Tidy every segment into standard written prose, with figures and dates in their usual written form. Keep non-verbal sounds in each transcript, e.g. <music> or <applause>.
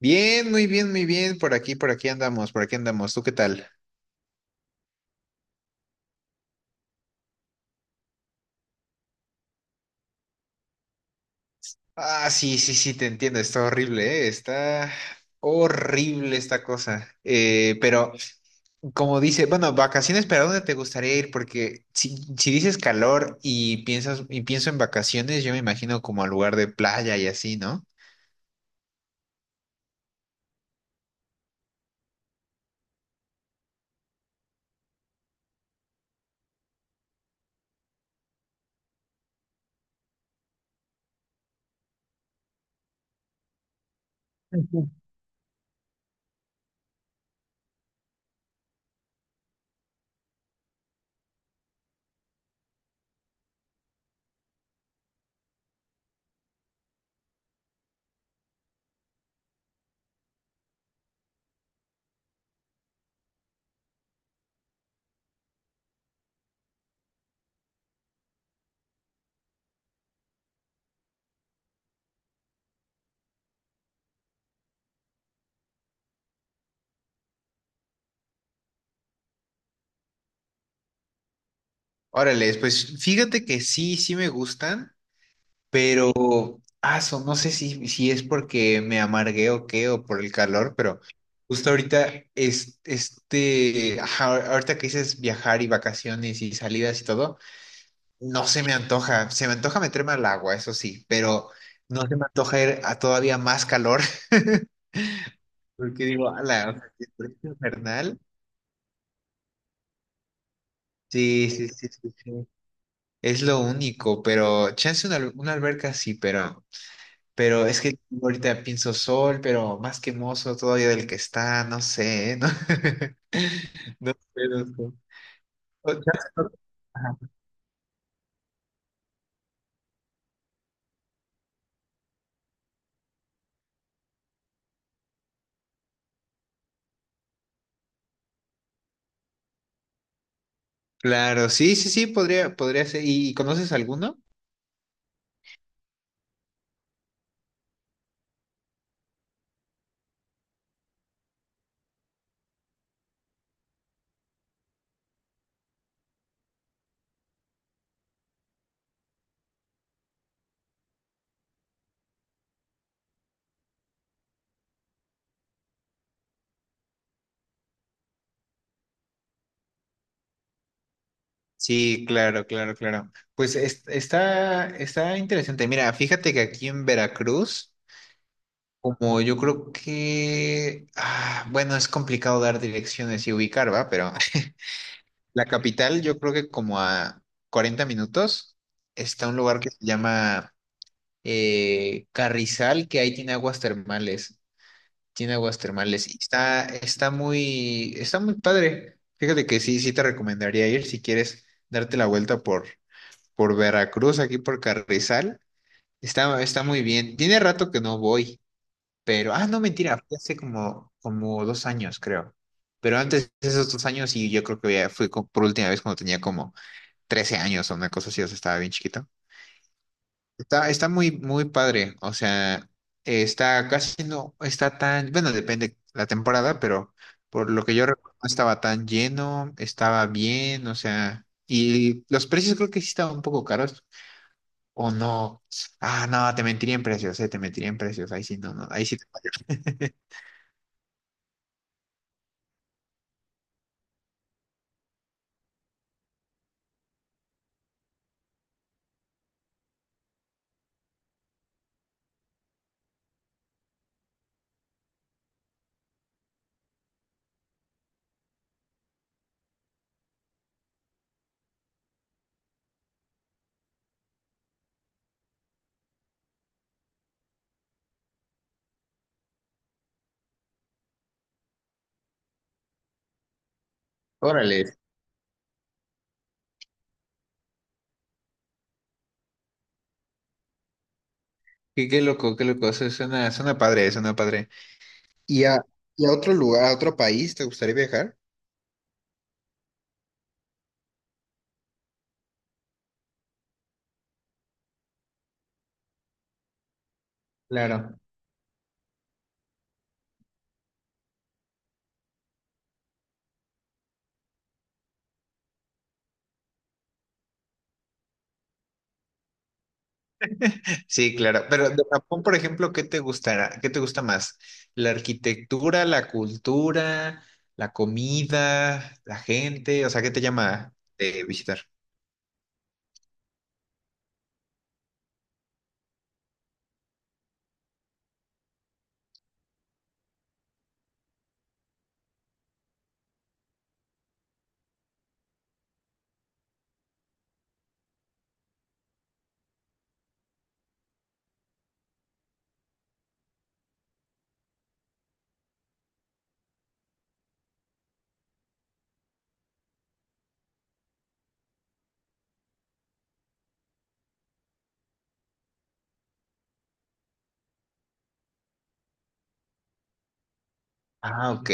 Bien, muy bien, muy bien. Por aquí andamos, por aquí andamos. ¿Tú qué tal? Ah, sí, sí, sí, te entiendo. Está horrible, ¿eh? Está horrible esta cosa. Pero como dice, bueno, vacaciones, ¿para dónde te gustaría ir? Porque si dices calor y piensas y pienso en vacaciones, yo me imagino como al lugar de playa y así, ¿no? Ujú. Órale, pues fíjate que sí, sí me gustan. Pero, aso, no sé si es porque me amargué o qué, o por el calor, pero justo ahorita, es, este, ajá, ahorita que dices viajar y vacaciones y salidas y todo, no se me antoja, se me antoja meterme al agua, eso sí, pero no se me antoja ir a todavía más calor. <laughs> Porque digo, ala, o sea, si es por esto infernal, sí, sí, sí, sí, sí, es lo único, pero chance una, una alberca sí, pero... Pero es que ahorita pienso sol, pero más quemoso todavía del que está, no sé, ¿eh? <laughs> ¿No? No sé, no sé. O sea, ajá. Claro, sí, sí, sí, podría, podría ser. ¿Y conoces alguno? Sí, claro, claro, claro. Pues está, está interesante. Mira, fíjate que aquí en Veracruz, como yo creo que, ah, bueno, es complicado dar direcciones y ubicar, ¿va? Pero <laughs> la capital, yo creo que como a 40 minutos, está un lugar que se llama Carrizal, que ahí tiene aguas termales. Tiene aguas termales. Y está, está muy padre. Fíjate que sí, sí te recomendaría ir si quieres darte la vuelta por Veracruz, aquí por Carrizal. Está, está muy bien. Tiene rato que no voy, pero, ah, no, mentira, fue hace como, como 2 años, creo. Pero antes de esos 2 años, y yo creo que ya fui por última vez cuando tenía como 13 años o una cosa así, o sea, estaba bien chiquito. Está, está muy, muy padre. O sea, está casi no está tan, bueno, depende la temporada, pero por lo que yo recuerdo, no estaba tan lleno, estaba bien, o sea, y los precios creo que sí estaban un poco caros. O no. Ah, no, te mentiría en precios, te mentiría en precios. Ahí sí, no, no, ahí sí te fallo. <laughs> Órale. Qué, qué loco, qué loco. Eso suena, suena padre, suena padre. ¿Y a, y a otro lugar, a otro país, te gustaría viajar? Claro. Sí, claro. Pero de Japón, por ejemplo, ¿qué te gustará? ¿Qué te gusta más? ¿La arquitectura, la cultura, la comida, la gente? O sea, ¿qué te llama de visitar? Ah, ok.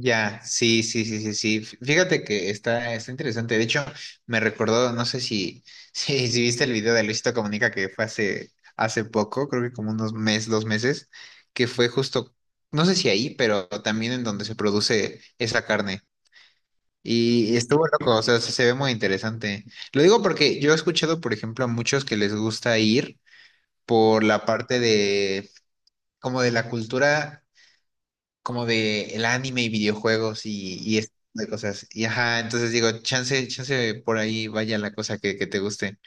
Ya, sí, sí, sí, sí, sí. Fíjate que está, está interesante. De hecho, me recordó, no sé si, <laughs> si, si viste el video de Luisito Comunica que fue hace, hace poco, creo que como unos meses, 2 meses, que fue justo, no sé si ahí, pero también en donde se produce esa carne. Y estuvo loco, o sea, se ve muy interesante. Lo digo porque yo he escuchado, por ejemplo, a muchos que les gusta ir por la parte de, como de la cultura, como de el anime y videojuegos y este tipo de cosas. Y ajá, entonces digo, chance, chance por ahí vaya la cosa que te guste.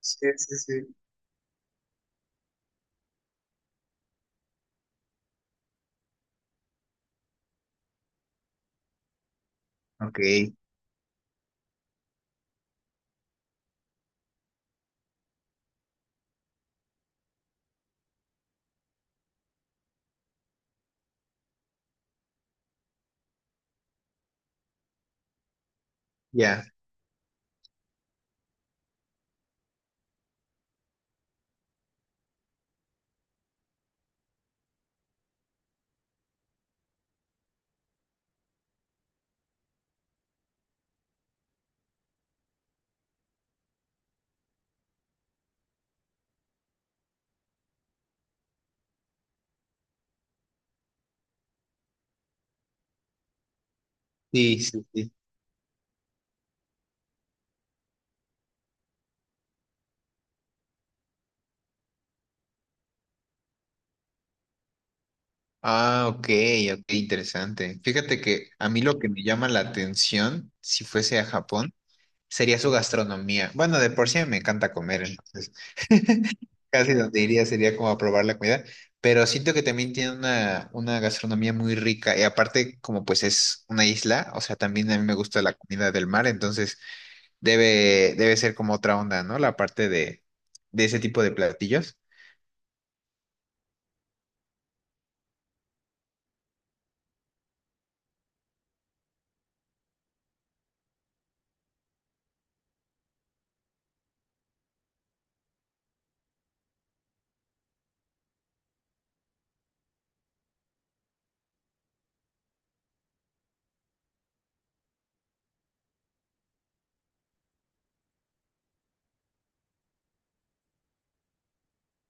Sí, sí, sí. Ok, ya. Sí, sí, sí. Ah, ok, ok, interesante. Fíjate que a mí lo que me llama la atención, si fuese a Japón, sería su gastronomía. Bueno, de por sí me encanta comer, entonces <laughs> casi donde iría sería como a probar la comida, pero siento que también tiene una gastronomía muy rica y aparte como pues es una isla, o sea, también a mí me gusta la comida del mar, entonces debe, debe ser como otra onda, ¿no? La parte de ese tipo de platillos.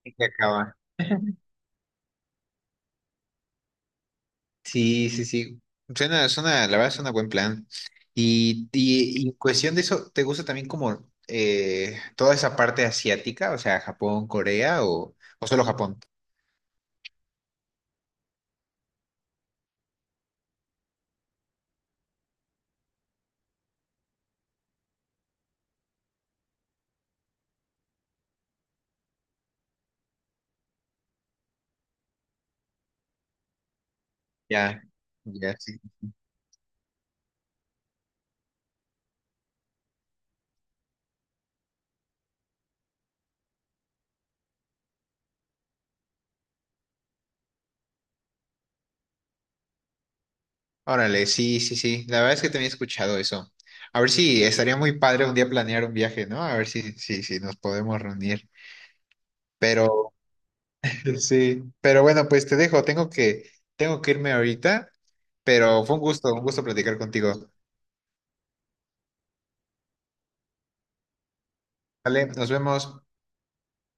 Y que acaban sí, sí, sí. Suena, suena, la verdad suena buen plan. Y cuestión de eso, ¿te gusta también como toda esa parte asiática? O sea, Japón, Corea o solo Japón. Ya, ya, sí. Órale, sí, sí, sí. La verdad es que también he escuchado eso. A ver si estaría muy padre un día planear un viaje, ¿no? A ver si, si, si nos podemos reunir. Pero <laughs> sí, pero bueno, pues te dejo. Tengo que irme ahorita, pero fue un gusto platicar contigo. Vale, nos vemos.